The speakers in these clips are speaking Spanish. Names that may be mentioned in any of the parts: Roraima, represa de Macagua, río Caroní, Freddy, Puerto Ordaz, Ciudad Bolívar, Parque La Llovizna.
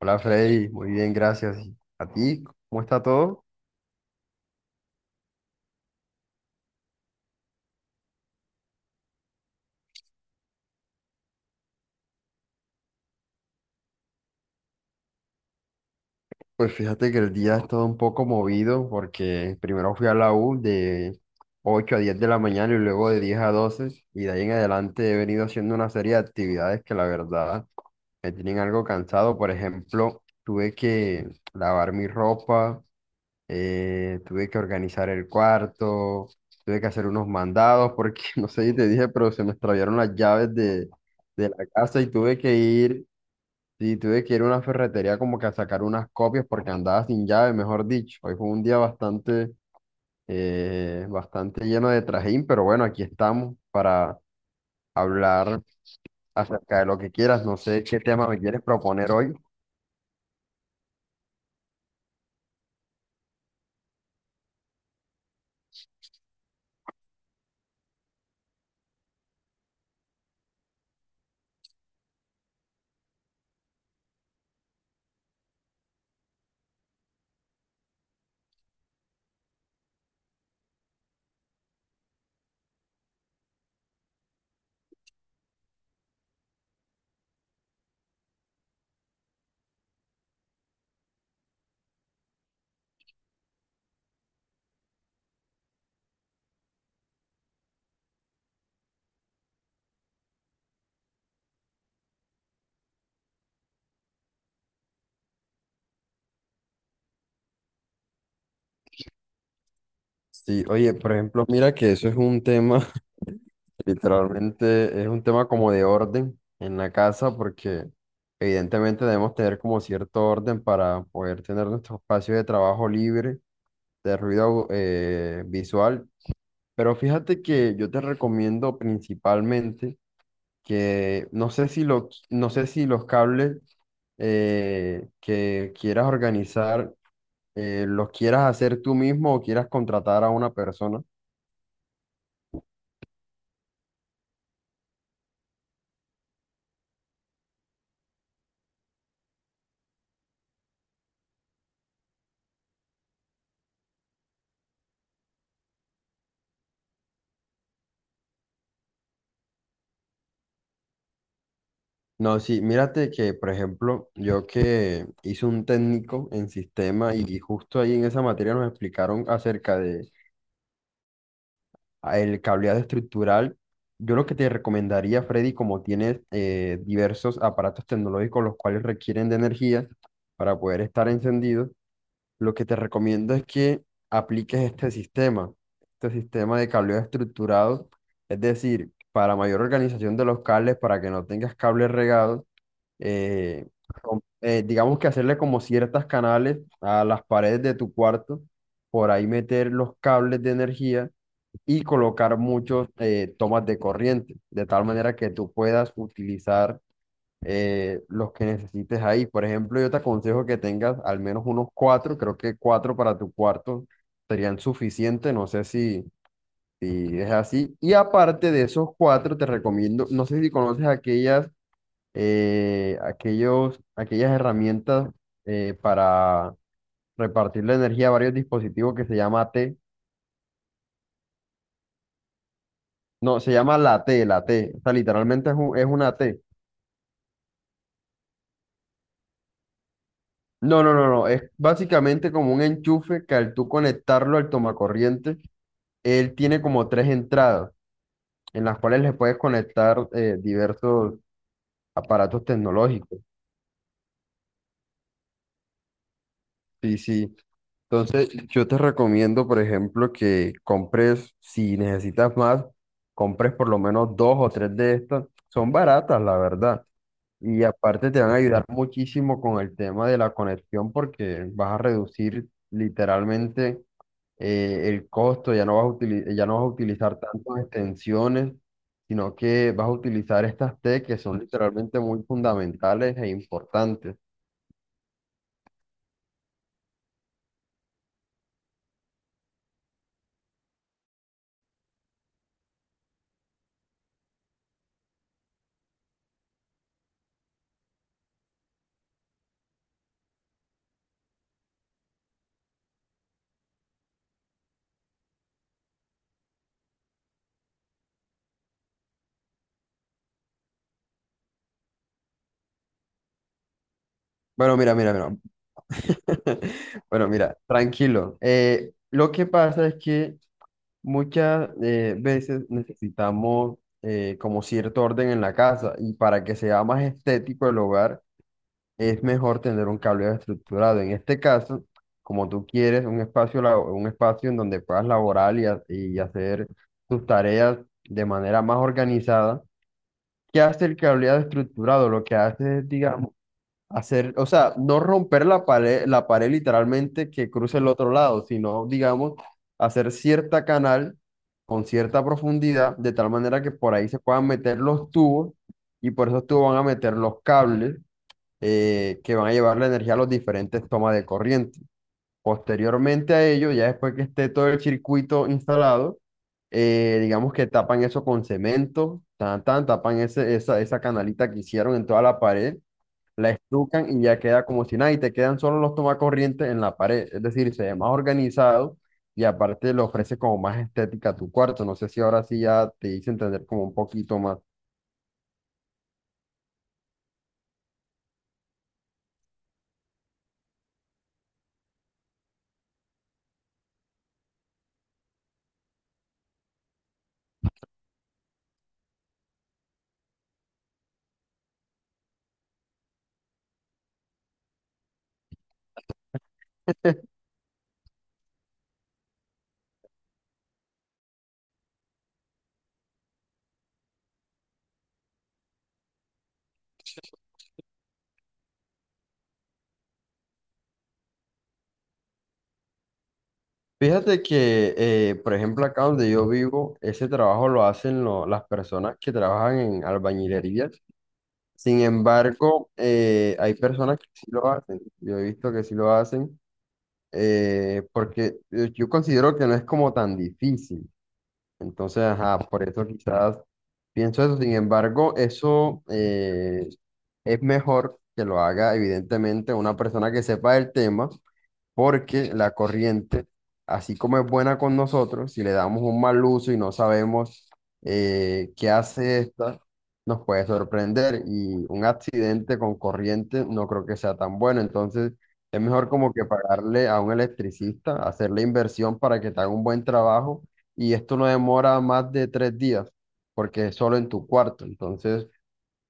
Hola Freddy, muy bien, gracias. ¿A ti? ¿Cómo está todo? Pues fíjate que el día ha estado un poco movido porque primero fui a la U de 8 a 10 de la mañana y luego de 10 a 12, y de ahí en adelante he venido haciendo una serie de actividades que la verdad me tienen algo cansado. Por ejemplo, tuve que lavar mi ropa, tuve que organizar el cuarto, tuve que hacer unos mandados porque no sé si te dije, pero se me extraviaron las llaves de la casa y tuve que ir. Sí, tuve que ir a una ferretería como que a sacar unas copias porque andaba sin llave, mejor dicho. Hoy fue un día bastante lleno de trajín, pero bueno, aquí estamos para hablar acerca de lo que quieras. No sé qué tema me quieres proponer hoy. Sí, oye, por ejemplo, mira que eso es un tema, literalmente es un tema como de orden en la casa porque evidentemente debemos tener como cierto orden para poder tener nuestro espacio de trabajo libre de ruido, visual. Pero fíjate que yo te recomiendo principalmente que no sé si los cables que quieras organizar los quieras hacer tú mismo o quieras contratar a una persona. No, sí, mírate que, por ejemplo, yo que hice un técnico en sistema y justo ahí en esa materia nos explicaron acerca de el cableado estructural. Yo lo que te recomendaría, Freddy, como tienes diversos aparatos tecnológicos los cuales requieren de energía para poder estar encendidos, lo que te recomiendo es que apliques este sistema de cableado estructurado, es decir, para mayor organización de los cables, para que no tengas cables regados, eh, digamos que hacerle como ciertas canales a las paredes de tu cuarto, por ahí meter los cables de energía y colocar muchos tomas de corriente, de tal manera que tú puedas utilizar los que necesites ahí. Por ejemplo, yo te aconsejo que tengas al menos unos cuatro, creo que cuatro para tu cuarto serían suficientes, no sé si es así. Y aparte de esos cuatro, te recomiendo, no sé si conoces aquellas herramientas para repartir la energía a varios dispositivos, que se llama AT. No, se llama la T. O sea, literalmente es una T. No, no, no, no. Es básicamente como un enchufe que al tú conectarlo al tomacorriente, él tiene como tres entradas en las cuales le puedes conectar diversos aparatos tecnológicos. Sí, sí. Entonces, yo te recomiendo, por ejemplo, que compres, si necesitas más, compres por lo menos dos o tres de estas. Son baratas, la verdad. Y aparte te van a ayudar muchísimo con el tema de la conexión porque vas a reducir literalmente el costo, ya no vas a utilizar tantas extensiones, sino que vas a utilizar estas T que son literalmente muy fundamentales e importantes. Bueno, mira, mira, mira, bueno, mira, tranquilo. Lo que pasa es que muchas veces necesitamos, como cierto orden en la casa, y para que sea más estético el hogar es mejor tener un cableado estructurado. En este caso, como tú quieres un espacio en donde puedas laborar y hacer tus tareas de manera más organizada, ¿qué hace el cableado estructurado? Lo que hace es, digamos, hacer, o sea, no romper la pared literalmente que cruce el otro lado, sino, digamos, hacer cierta canal con cierta profundidad, de tal manera que por ahí se puedan meter los tubos, y por esos tubos van a meter los cables que van a llevar la energía a los diferentes tomas de corriente. Posteriormente a ello, ya después que esté todo el circuito instalado, digamos que tapan eso con cemento, tan, tan, tapan esa canalita que hicieron en toda la pared, la estucan y ya queda como si nada, y te quedan solo los tomacorrientes en la pared, es decir, se ve más organizado, y aparte le ofrece como más estética a tu cuarto. No sé si ahora sí ya te hice entender como un poquito más. Fíjate que, por ejemplo, acá donde yo vivo, ese trabajo lo hacen las personas que trabajan en albañilerías. Sin embargo, hay personas que sí lo hacen. Yo he visto que sí lo hacen, porque yo considero que no es como tan difícil. Entonces, ajá, por eso quizás pienso eso. Sin embargo, eso, es mejor que lo haga, evidentemente, una persona que sepa del tema, porque la corriente, así como es buena con nosotros, si le damos un mal uso y no sabemos qué hace esta, nos puede sorprender, y un accidente con corriente no creo que sea tan bueno. Entonces, es mejor como que pagarle a un electricista, hacer la inversión para que te haga un buen trabajo, y esto no demora más de 3 días, porque es solo en tu cuarto. Entonces,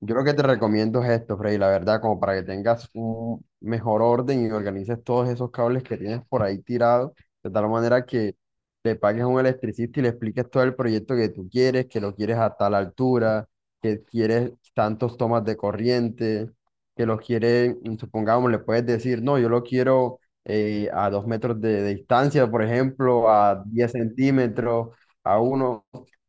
yo lo que te recomiendo es esto, Freddy, la verdad, como para que tengas un mejor orden y organices todos esos cables que tienes por ahí tirados, de tal manera que le pagues a un electricista y le expliques todo el proyecto que tú quieres, que lo quieres a tal altura, que quieres tantos tomas de corriente, que lo quieres, supongamos, le puedes decir: no, yo lo quiero a 2 metros de distancia, por ejemplo, a 10 centímetros, a uno.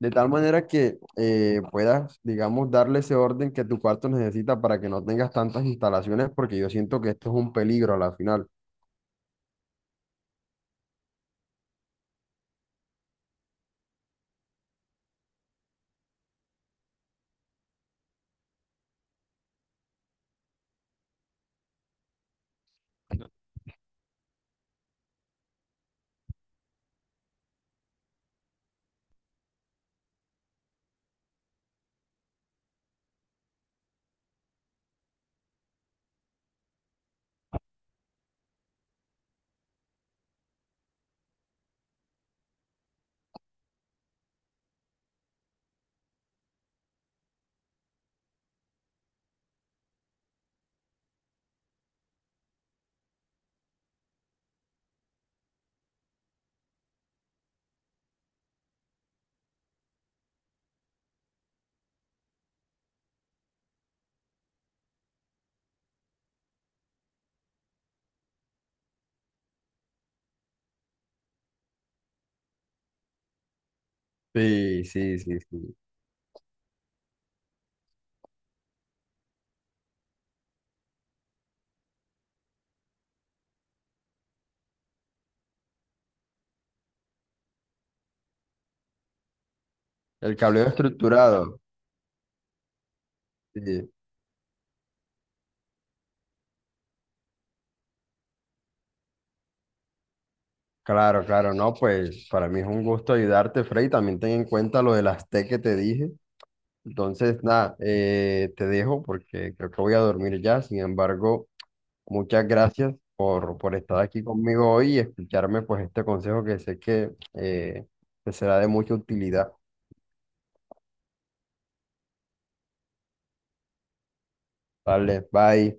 De tal manera que puedas, digamos, darle ese orden que tu cuarto necesita para que no tengas tantas instalaciones, porque yo siento que esto es un peligro a la final. Sí, sí, sí, sí. El cableo estructurado. Sí. Claro, claro, no, pues para mí es un gusto ayudarte, Frey. También ten en cuenta lo del Aztec que te dije. Entonces, nada, te dejo porque creo que voy a dormir ya. Sin embargo, muchas gracias por estar aquí conmigo hoy y escucharme pues este consejo que sé que te será de mucha utilidad. Vale, bye.